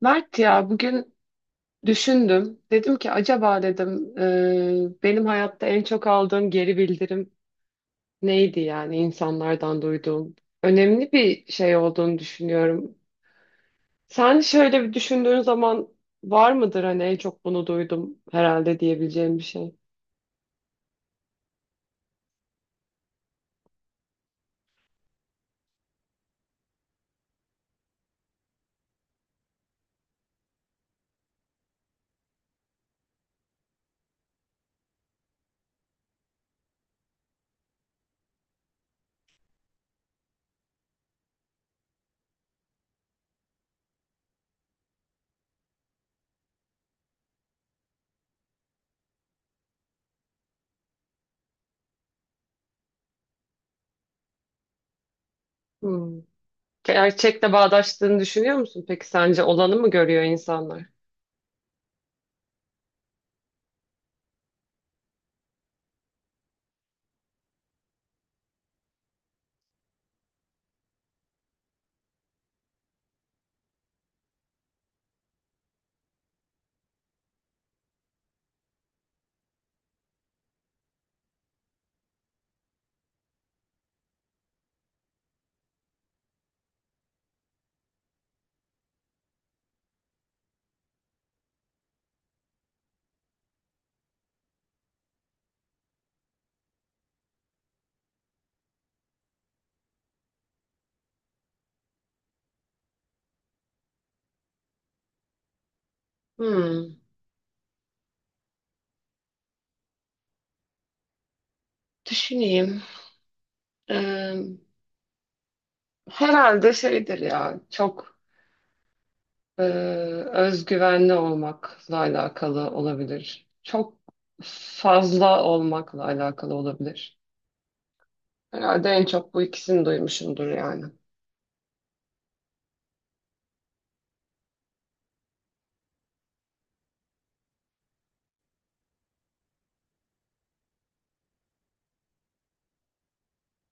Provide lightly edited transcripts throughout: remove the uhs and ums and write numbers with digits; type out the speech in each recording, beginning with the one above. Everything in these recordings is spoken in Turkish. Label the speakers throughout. Speaker 1: Mert ya bugün düşündüm. Dedim ki acaba dedim benim hayatta en çok aldığım geri bildirim neydi yani insanlardan duyduğum. Önemli bir şey olduğunu düşünüyorum. Sen şöyle bir düşündüğün zaman var mıdır hani en çok bunu duydum herhalde diyebileceğim bir şey. Hmm. Gerçekle bağdaştığını düşünüyor musun? Peki sence olanı mı görüyor insanlar? Hmm. Düşüneyim. Ee, herhalde şeydir ya çok Ee, özgüvenli olmakla alakalı olabilir. Çok fazla olmakla alakalı olabilir. Herhalde en çok bu ikisini duymuşumdur yani.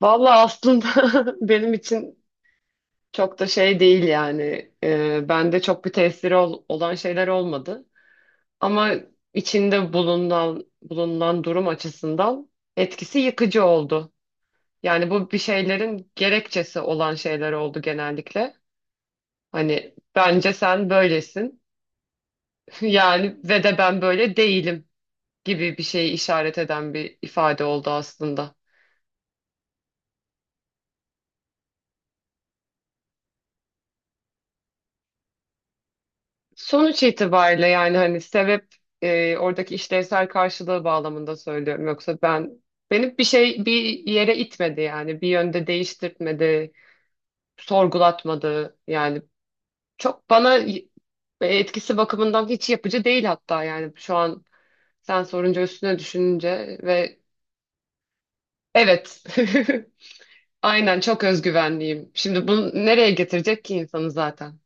Speaker 1: Vallahi aslında benim için çok da şey değil yani. Bende çok bir tesiri olan şeyler olmadı. Ama içinde bulunan durum açısından etkisi yıkıcı oldu. Yani bu bir şeylerin gerekçesi olan şeyler oldu genellikle. Hani bence sen böylesin. Yani ve de ben böyle değilim gibi bir şeyi işaret eden bir ifade oldu aslında. Sonuç itibariyle yani hani sebep, oradaki işlevsel karşılığı bağlamında söylüyorum. Yoksa ben beni bir şey bir yere itmedi yani bir yönde değiştirtmedi, sorgulatmadı. Yani çok bana etkisi bakımından hiç yapıcı değil hatta yani şu an sen sorunca üstüne düşününce ve evet Aynen çok özgüvenliyim. Şimdi bunu nereye getirecek ki insanı zaten?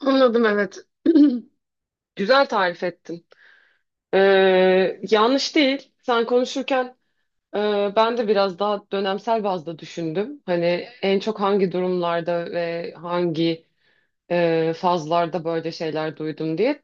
Speaker 1: Anladım, evet. Güzel tarif ettin. Yanlış değil. Sen konuşurken ben de biraz daha dönemsel bazda düşündüm. Hani en çok hangi durumlarda ve hangi fazlarda böyle şeyler duydum diye.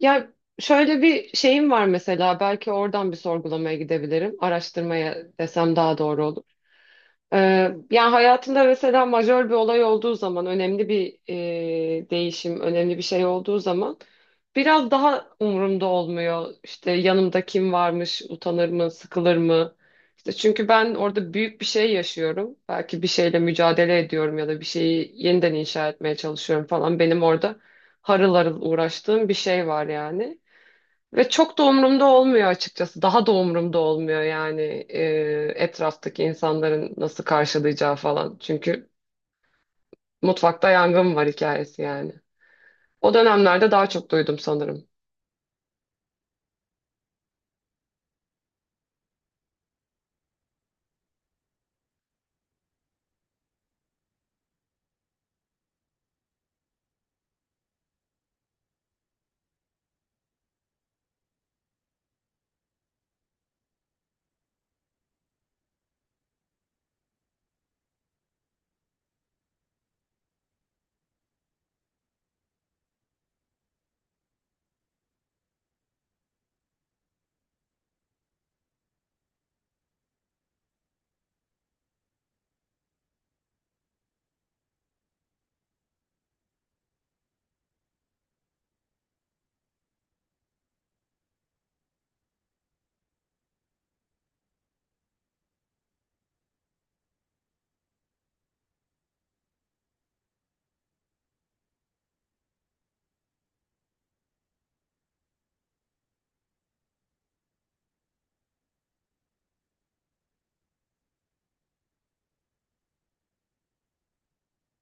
Speaker 1: Ya şöyle bir şeyim var mesela, belki oradan bir sorgulamaya gidebilirim. Araştırmaya desem daha doğru olur. Yani hayatında mesela majör bir olay olduğu zaman, önemli bir değişim, önemli bir şey olduğu zaman biraz daha umurumda olmuyor. İşte yanımda kim varmış, utanır mı, sıkılır mı? İşte çünkü ben orada büyük bir şey yaşıyorum. Belki bir şeyle mücadele ediyorum ya da bir şeyi yeniden inşa etmeye çalışıyorum falan. Benim orada harıl harıl uğraştığım bir şey var yani. Ve çok da umurumda olmuyor açıkçası. Daha da umurumda olmuyor yani e, etraftaki insanların nasıl karşılayacağı falan. Çünkü mutfakta yangın var hikayesi yani. O dönemlerde daha çok duydum sanırım.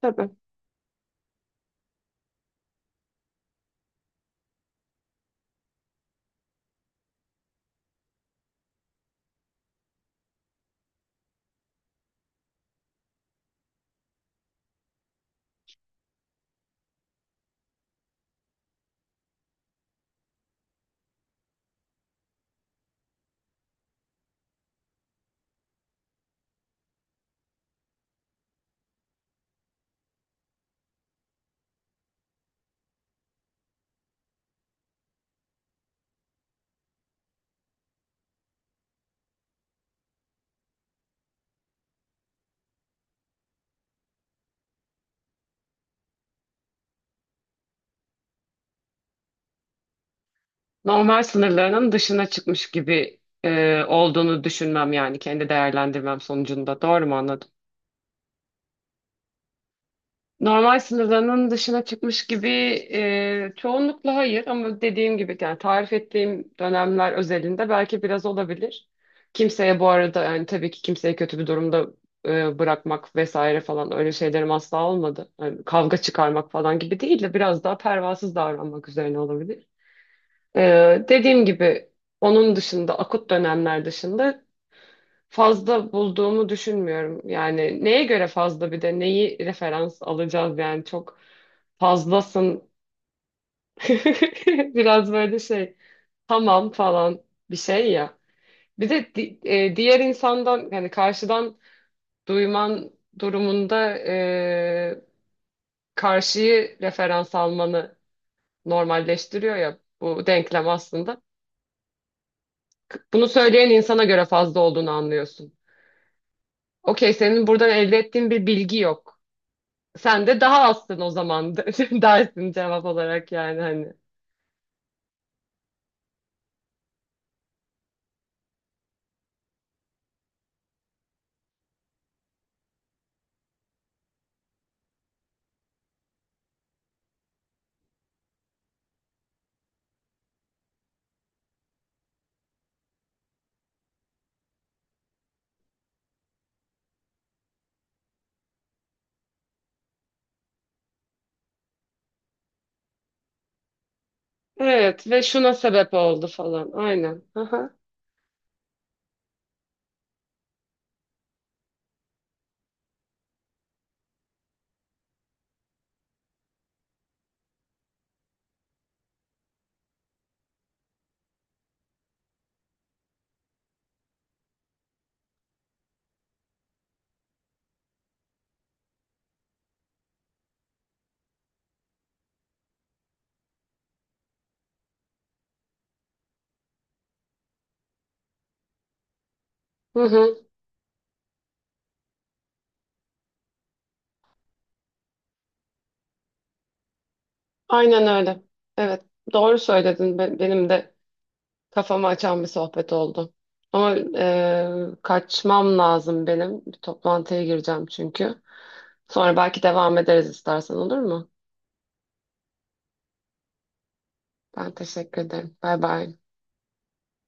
Speaker 1: Tabii. Normal sınırlarının dışına çıkmış gibi olduğunu düşünmem yani kendi değerlendirmem sonucunda. Doğru mu anladım? Normal sınırlarının dışına çıkmış gibi çoğunlukla hayır, ama dediğim gibi yani tarif ettiğim dönemler özelinde belki biraz olabilir. Kimseye bu arada yani tabii ki kimseyi kötü bir durumda bırakmak vesaire falan öyle şeylerim asla olmadı. Yani kavga çıkarmak falan gibi değil de biraz daha pervasız davranmak üzerine olabilir. Dediğim gibi onun dışında, akut dönemler dışında fazla bulduğumu düşünmüyorum. Yani neye göre fazla, bir de neyi referans alacağız yani çok fazlasın biraz böyle şey, tamam falan bir şey ya. Bir de diğer insandan yani karşıdan duyman durumunda karşıyı referans almanı normalleştiriyor ya bu denklem aslında. Bunu söyleyen insana göre fazla olduğunu anlıyorsun. Okey, senin buradan elde ettiğin bir bilgi yok. Sen de daha azsın o zaman dersin cevap olarak yani hani. Evet ve şuna sebep oldu falan. Aynen. Aha. Hı hı. Aynen öyle. Evet. Doğru söyledin. Benim de kafamı açan bir sohbet oldu. Ama kaçmam lazım benim. Bir toplantıya gireceğim çünkü. Sonra belki devam ederiz istersen, olur mu? Ben teşekkür ederim. Bay bay.